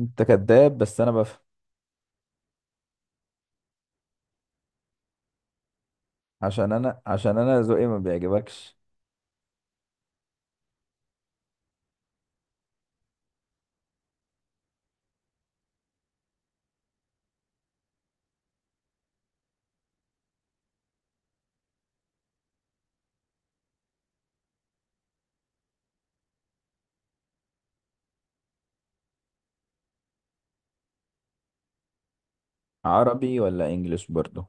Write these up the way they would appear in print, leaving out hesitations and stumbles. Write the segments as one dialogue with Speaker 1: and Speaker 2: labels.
Speaker 1: انت كداب، بس انا بفهم. عشان انا ذوقي ما بيعجبكش. عربي ولا انجليش؟ برضو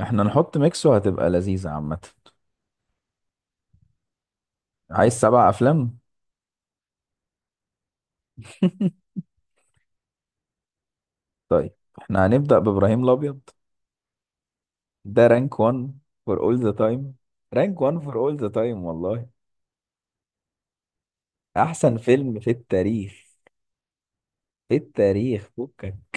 Speaker 1: احنا نحط ميكس وهتبقى لذيذة عامة. عايز سبع افلام. طيب، احنا هنبدأ بإبراهيم الأبيض. ده رانك 1 فور اول ذا تايم. رانك 1 فور اول ذا تايم والله. احسن فيلم في التاريخ. في التاريخ فكك.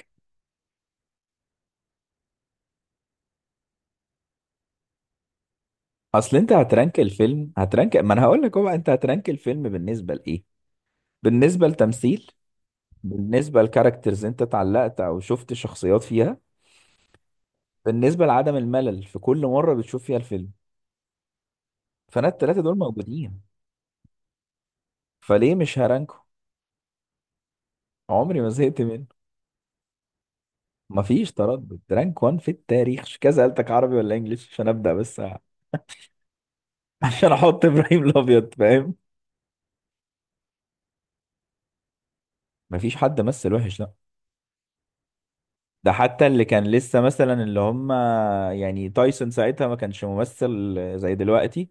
Speaker 1: اصل انت هترانك الفيلم، هترانك، ما انا هقول لك. هو انت هترانك الفيلم بالنسبة لايه؟ بالنسبة لتمثيل. بالنسبة لكاركترز انت اتعلقت او شفت شخصيات فيها. بالنسبة لعدم الملل في كل مرة بتشوف فيها الفيلم. فانا التلاتة دول موجودين، فليه مش هرانكو؟ عمري ما زهقت منه. مفيش تردد، رانك وان في التاريخ، مش كذا سألتك عربي ولا انجليش عشان ابدأ بس. عشان احط ابراهيم الابيض، فاهم. مفيش حد مثل وحش، لا. ده حتى اللي كان لسه مثلا اللي هم، يعني تايسون ساعتها ما كانش ممثل زي دلوقتي.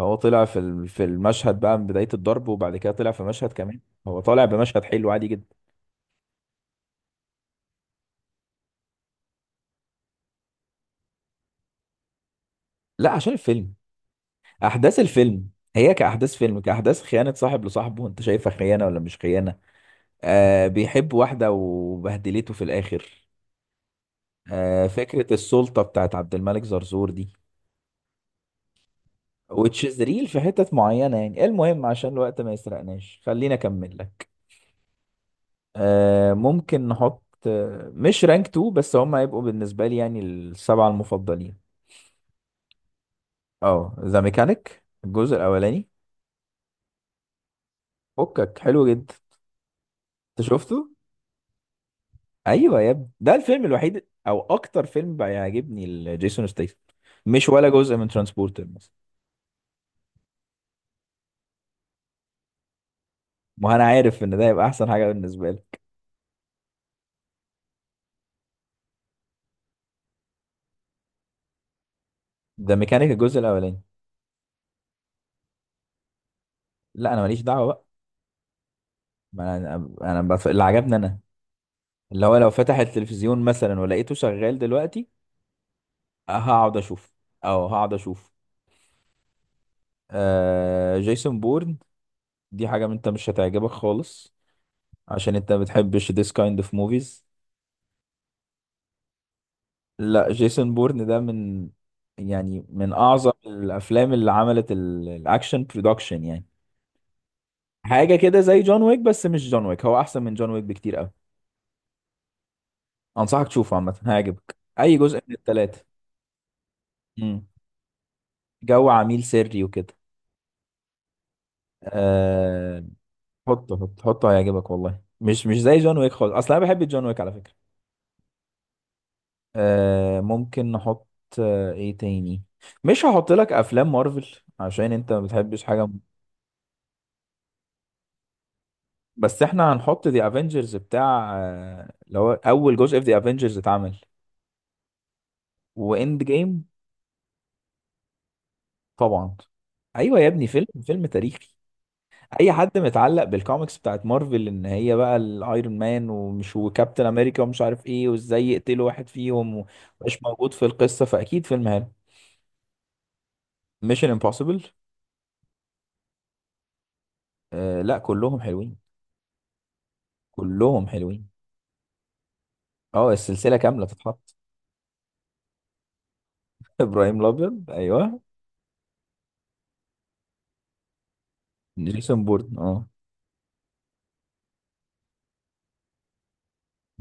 Speaker 1: هو طلع في في المشهد بقى من بداية الضرب، وبعد كده طلع في مشهد كمان. هو طالع بمشهد حلو عادي جدا. لا، عشان الفيلم. أحداث الفيلم. هي كأحداث فيلم، كأحداث خيانة صاحب لصاحبه. أنت شايفها خيانة ولا مش خيانة؟ آه، بيحب واحدة وبهدلته في الآخر. آه، فكرة السلطة بتاعت عبد الملك زرزور دي. وتشيز ريل في حتت معينة. يعني المهم عشان الوقت ما يسرقناش خلينا أكمل لك. آه ممكن نحط، مش رانك 2، بس هم هيبقوا بالنسبة لي يعني السبعة المفضلين. اه ذا ميكانيك الجزء الاولاني. فكك حلو جدا. انت شفته؟ ايوه يا ابني، ده الفيلم الوحيد او اكتر فيلم بيعجبني لجيسون ستيثم. مش ولا جزء من ترانسبورتر مثلا. ما انا عارف ان ده يبقى احسن حاجه بالنسبه لك. ذا ميكانيك الجزء الاولاني. لا، انا ماليش دعوه بقى. ما انا اللي عجبني انا. اللي هو لو فتح التلفزيون مثلا ولقيته شغال دلوقتي هقعد اشوف، او هقعد اشوف. جيسون بورن. دي حاجه انت مش هتعجبك خالص، عشان انت بتحبش this kind of movies. لا، جيسون بورن ده من، يعني من اعظم الافلام اللي عملت الاكشن برودكشن يعني. حاجه كده زي جون ويك، بس مش جون ويك، هو احسن من جون ويك بكتير قوي. انصحك تشوفه عامه، هيعجبك اي جزء من الثلاثه. امم. جو عميل سري وكده. أه... حطه حطه حطه، هيعجبك والله. مش زي جون ويك خالص، اصل انا بحب جون ويك على فكره. ممكن نحط، ايه تاني. مش هحط لك افلام مارفل عشان انت ما بتحبش حاجه. بس احنا هنحط ذا افنجرز بتاع، اللي هو اول جزء في ذا افنجرز اتعمل. واند جيم. طبعا. ايوه يا ابني، فيلم فيلم تاريخي. اي حد متعلق بالكوميكس بتاعت مارفل ان هي بقى الايرون مان ومش وكابتن امريكا ومش عارف ايه، وازاي يقتلوا واحد فيهم ومش موجود في القصه، فاكيد فيلم حلو. ميشن امبوسيبل. آه لا، كلهم حلوين. كلهم حلوين. اه السلسله كامله تتحط. ابراهيم الابيض ايوه. جيسون بورن اه.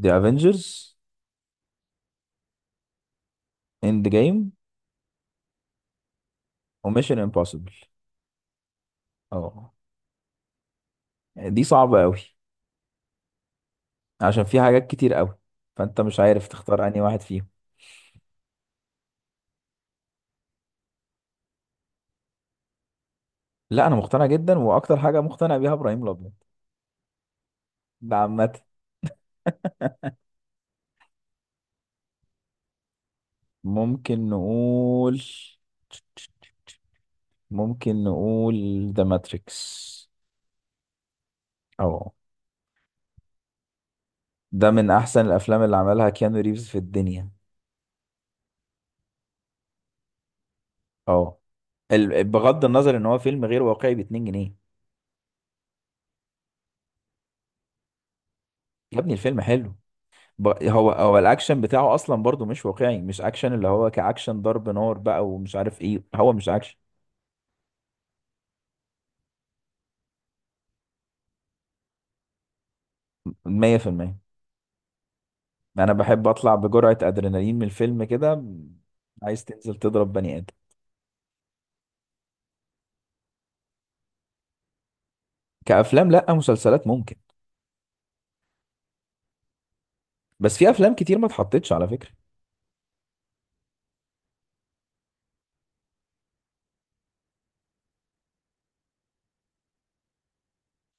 Speaker 1: ذا افنجرز. اند جيم. وميشن امبوسيبل. اه، يعني دي صعبة قوي عشان في حاجات كتير قوي، فانت مش عارف تختار انهي واحد فيهم. لا انا مقتنع جدا، واكتر حاجة مقتنع بيها ابراهيم الابيض. ده عامة. ممكن نقول ممكن نقول ذا ماتريكس. اه. ده من احسن الافلام اللي عملها كيانو ريفز في الدنيا. اه، بغض النظر ان هو فيلم غير واقعي ب 2 جنيه. يا ابني الفيلم حلو. هو الاكشن بتاعه اصلا برضو مش واقعي. مش اكشن اللي هو كاكشن ضرب نار بقى ومش عارف ايه، هو مش اكشن. 100%. انا بحب اطلع بجرعة ادرينالين من الفيلم كده. عايز تنزل تضرب بني ادم. كافلام لا، مسلسلات ممكن. بس في افلام كتير ما اتحطتش على فكرة.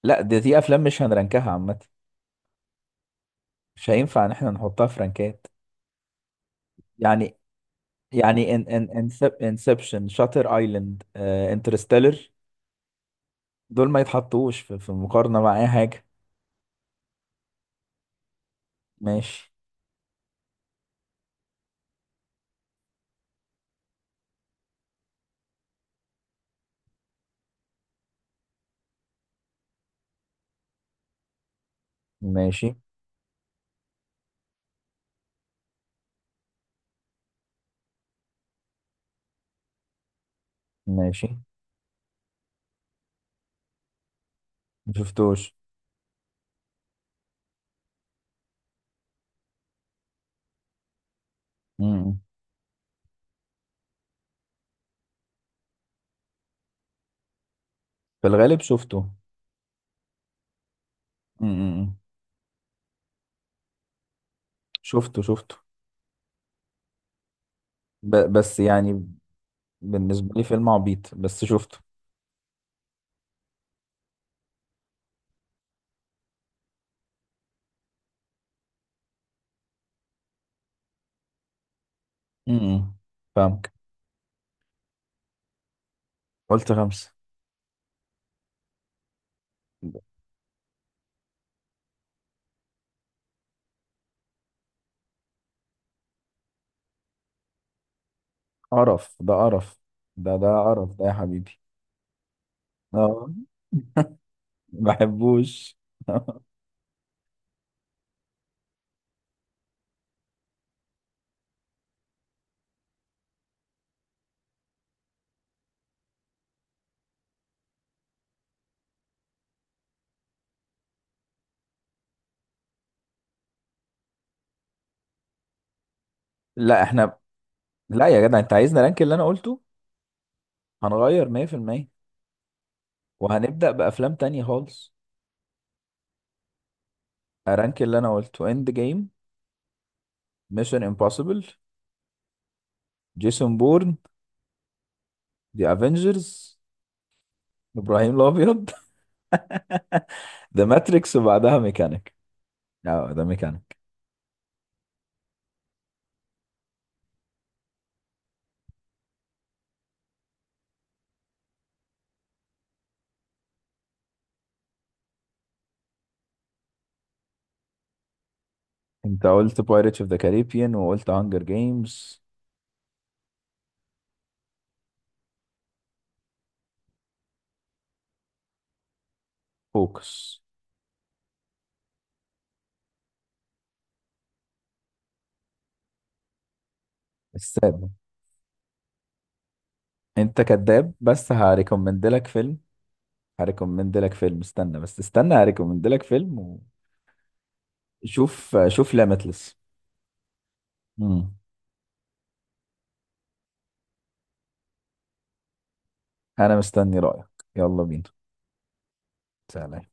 Speaker 1: لا، دي دي افلام مش هنرنكها عامة. مش هينفع ان احنا نحطها في رنكات. يعني. يعني ان ان انسبشن، شاتر ايلاند، انترستيلر، دول ما يتحطوش في مقارنة مع اي حاجة. ماشي ماشي ماشي. ما شفتوش. امم، في الغالب شفته. امم، شفته شفته. بس يعني بالنسبة لي فيلم عبيط بس شفته. امم، فاهمك. قلت خمسة. قرف، ده قرف. ده قرف ده يا حبيبي. اه. بحبوش. لا احنا. لا يا جدع، انت عايزنا رانك اللي انا قلته؟ هنغير. 100%. وهنبدأ بأفلام تانية خالص. رانك اللي انا قلته: اند جيم، ميشن امبوسيبل، جيسون بورن، ذا افنجرز، ابراهيم الابيض، ذا ماتريكس، وبعدها ميكانيك. اه ده ميكانيك. انت قلت بايرتس اوف ذا كاريبيان وقلت هانجر جيمز. فوكس. السادة. انت كذاب، بس هريكومند لك فيلم استنى بس استنى هريكومند لك فيلم. وشوف، شوف ليميتلس. امم. انا مستني رايك. يلا بينا. سلام.